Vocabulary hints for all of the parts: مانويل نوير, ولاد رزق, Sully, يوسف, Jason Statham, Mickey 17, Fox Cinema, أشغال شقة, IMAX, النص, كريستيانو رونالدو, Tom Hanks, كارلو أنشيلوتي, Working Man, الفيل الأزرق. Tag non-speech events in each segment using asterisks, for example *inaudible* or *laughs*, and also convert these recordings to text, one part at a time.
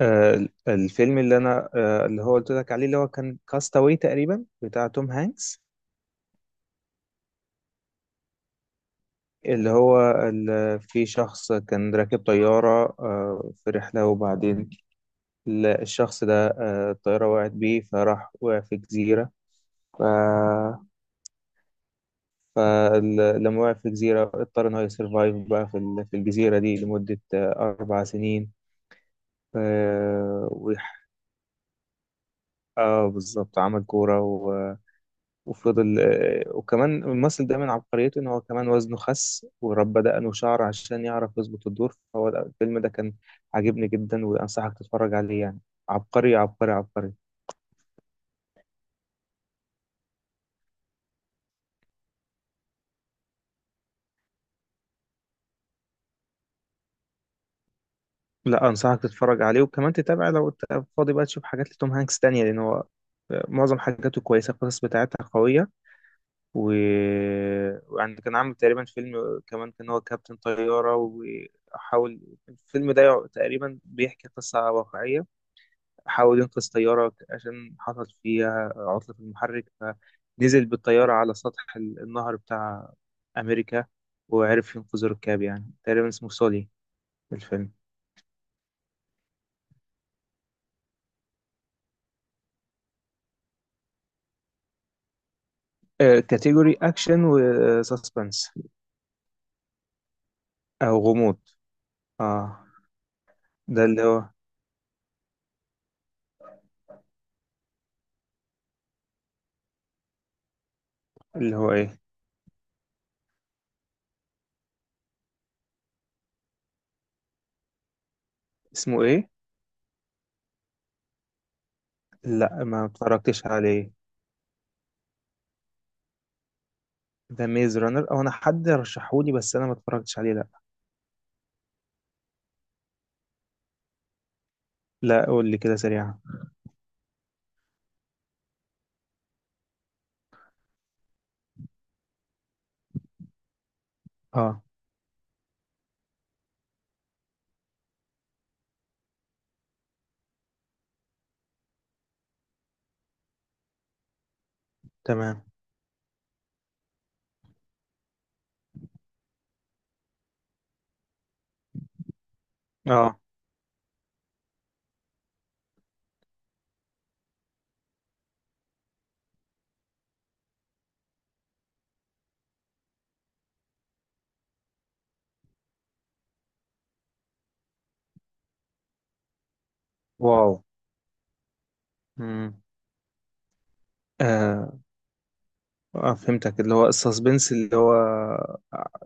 الفيلم اللي انا اللي هو قلت لك عليه اللي هو كان كاستاوي تقريبا بتاع توم هانكس. اللي هو في شخص كان راكب طيارة في رحلة، وبعدين الشخص ده الطيارة وقعت بيه فراح وقع في جزيرة. ف... فلما وقع في جزيرة اضطر إن هو يسرفايف بقى في الجزيرة دي لمدة أربع سنين. ف- ويح- اه، بالظبط، عمل كورة. وفضل، وكمان الممثل ده من عبقريته ان هو كمان وزنه خس وربى دقنه شعر عشان يعرف يظبط الدور. فهو الفيلم ده كان عاجبني جدا، وانصحك تتفرج عليه يعني. عبقري، عبقري، عبقري. لا، انصحك تتفرج عليه وكمان تتابع لو انت فاضي بقى تشوف حاجات لتوم هانكس تانية، لان هو معظم حاجاته كويسة، القصص بتاعتها قوية. و... ويعني كان عامل تقريبا فيلم كمان، كان هو كابتن طيارة وحاول الفيلم ده تقريبا بيحكي قصة واقعية. حاول ينقذ طيارة عشان حصل فيها عطلة في المحرك، فنزل بالطيارة على سطح النهر بتاع أمريكا، وعرف ينقذ الركاب. يعني تقريبا اسمه سولي الفيلم. كاتيجوري أكشن وسسبنس، أو غموض. اه، ده اللي هو. اللي هو إيه؟ اسمه إيه؟ لا، ما اتفرجتش عليه. ده ميز رانر؟ أو أنا حد رشحهولي، بس أنا ما اتفرجتش عليه، لا. لا، قول لي كده سريعا. اه. تمام. اه. واو. مم. آه. اه، فهمتك. اللي هو السسبنس، اللي هو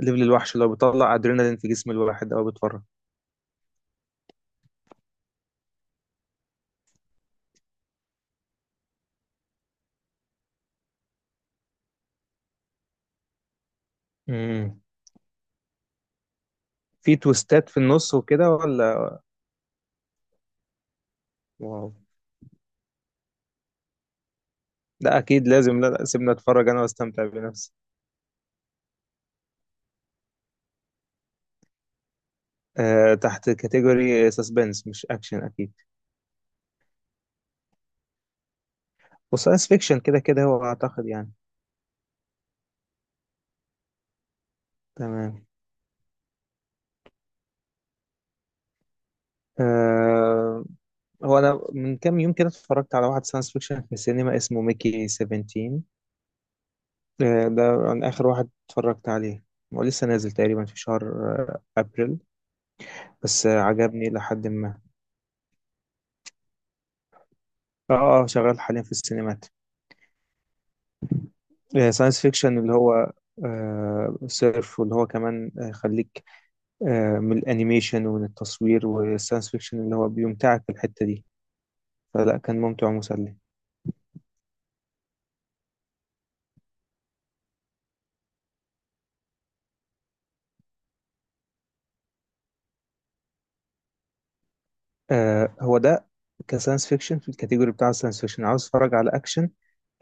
ليفل الوحش، اللي هو بيطلع ادرينالين في جسم الواحد او بيتفرج. امم. في تويستات في النص وكده ولا؟ واو. لا، اكيد لازم. لا، لا، سيبنا اتفرج انا واستمتع بنفسي. أه، تحت كاتيجوري سسبنس، مش اكشن اكيد. وساينس فيكشن كده كده، هو اعتقد يعني. تمام. أه. هو انا من كام يوم كده اتفرجت على واحد ساينس فيكشن في السينما اسمه ميكي 17. أه ده عن اخر واحد اتفرجت عليه. هو لسه نازل تقريبا في شهر ابريل، بس عجبني إلى حد ما. اه اه، شغال حاليا في السينمات. ساينس فيكشن اللي هو صرف، واللي هو كمان يخليك من الانيميشن ومن التصوير والساينس فيكشن، اللي هو بيمتعك في الحتة دي. فلا كان ممتع ومسلي. هو ده. كساينس فيكشن. في الكاتيجوري بتاع الساينس فيكشن عاوز اتفرج على اكشن.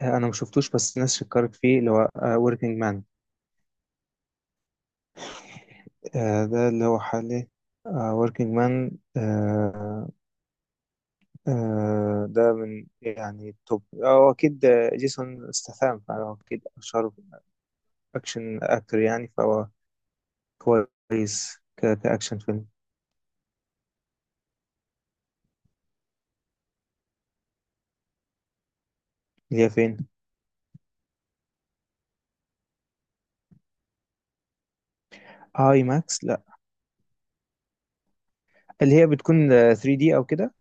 انا ما شفتوش، بس الناس شكرت فيه، اللي هو وركينج مان. Working Man. ده اللي هو حالي، وركينج مان. ده من يعني التوب، هو أكيد جيسون استثام، فهو أكيد أشهر أكشن أكتر يعني، فهو كويس كأكشن فيلم. اللي هي فين؟ آي ماكس، لا. اللي هي بتكون 3D أو كده.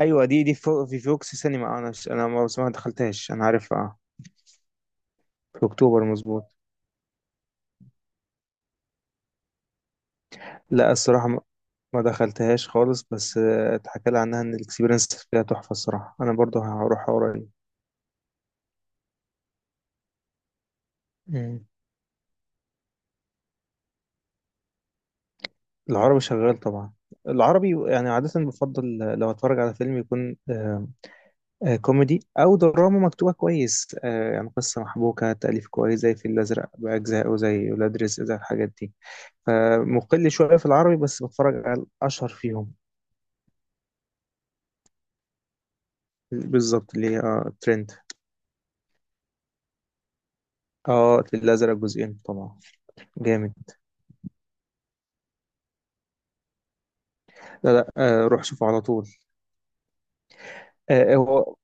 أيوة، دي في فوكس سينما. أنا ما بس ما دخلتهاش، أنا عارفها في أكتوبر، مظبوط. لا، الصراحة ما دخلتهاش خالص، بس اتحكى لي عنها إن الإكسبيرينس فيها تحفة. الصراحة أنا برضو هروح قريب. مم. العربي شغال طبعا. العربي يعني عادة بفضل لو اتفرج على فيلم يكون كوميدي او دراما مكتوبة كويس، يعني قصة محبوكة، تأليف كويس، زي الفيل الأزرق بأجزائه، زي ولاد رزق، زي الحاجات دي. فمقل شوية في العربي، بس بتفرج على الأشهر فيهم. بالظبط، اللي هي ترند. اه، الفيل الأزرق جزئين طبعا. جامد. لا، لا، روح شوفه على طول. هو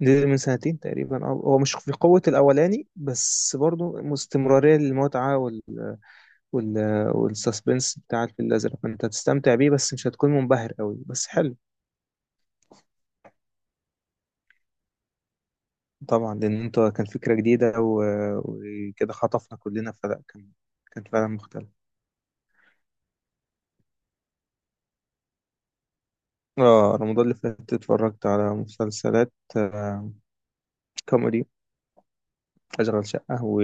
نزل من سنتين تقريبا. اه، هو مش في قوة الأولاني، بس برضه استمرارية للمتعة. وال... والسسبنس بتاع الفيل الأزرق، فأنت هتستمتع بيه، بس مش هتكون منبهر قوي، بس حلو. طبعا، لأن أنت كان فكرة جديدة وكده خطفنا كلنا، فلا كان فعلا مختلف. اه، رمضان اللي فات اتفرجت على مسلسلات كوميدي، أشغال شقة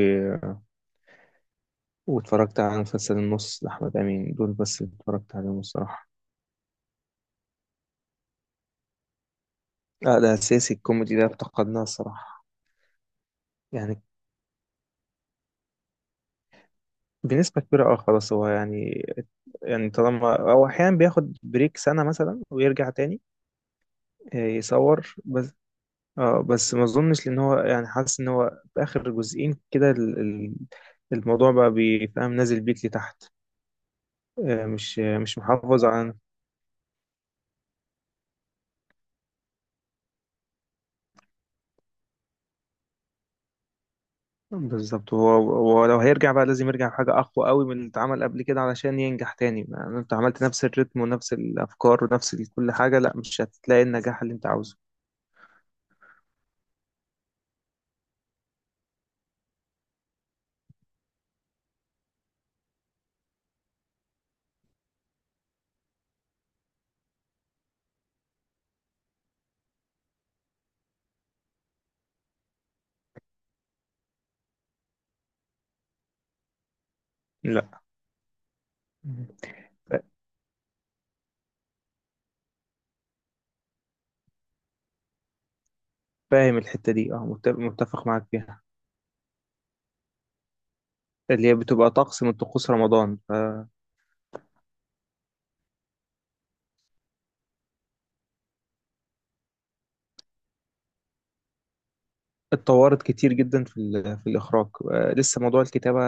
واتفرجت على مسلسل النص لأحمد أمين. دول بس اللي اتفرجت عليهم الصراحة. لا، ده أساسي، الكوميدي ده افتقدناه الصراحة. يعني بنسبة كبيرة. اه، خلاص. هو يعني، يعني طالما هو أحيانا بياخد بريك سنة مثلا ويرجع تاني يصور بس. اه، بس ما اظنش، لان هو يعني حاسس ان هو في اخر جزئين كده الموضوع بقى بيفهم نازل بيك لتحت. مش محافظ على. بالظبط، هو. هو لو هيرجع بقى لازم يرجع بحاجة اقوى قوي من اللي اتعمل قبل كده علشان ينجح تاني. يعني انت عملت نفس الريتم ونفس الافكار ونفس كل حاجة، لا مش هتلاقي النجاح اللي انت عاوزه. لا، فاهم الحتة دي. اه، متفق معاك فيها. اللي هي بتبقى طقس من طقوس رمضان. اتطورت كتير جدا في الإخراج. لسه موضوع الكتابة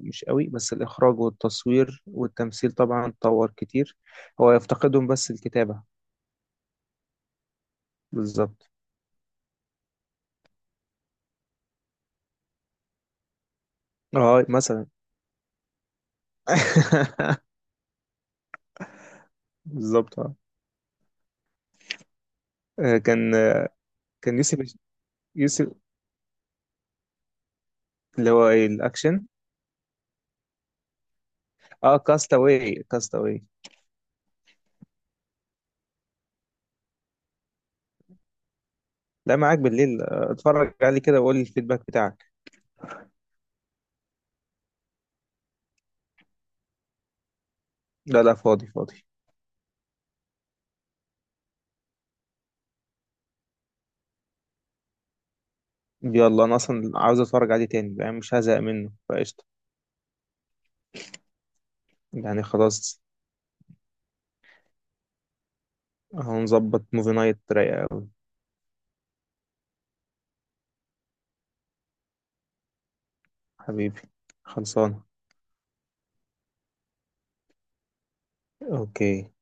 مش قوي، بس الإخراج والتصوير والتمثيل طبعا اتطور كتير. هو يفتقدهم بس الكتابة. بالظبط. اه مثلا. *laughs* بالظبط، اه. آه، كان آه، كان يوسف. يوسف اللي هو ايه الأكشن. اه، كاستاوي كاستاوي. لا، معاك بالليل اتفرج عليه كده وقول لي الفيدباك بتاعك. لا لا، فاضي فاضي. يلا، انا اصلا عاوز اتفرج عليه تاني، يعني مش هزهق منه، فقشطة. يعني خلاص، هنظبط موفي نايت رايقة أوي. حبيبي، خلصانة. أوكي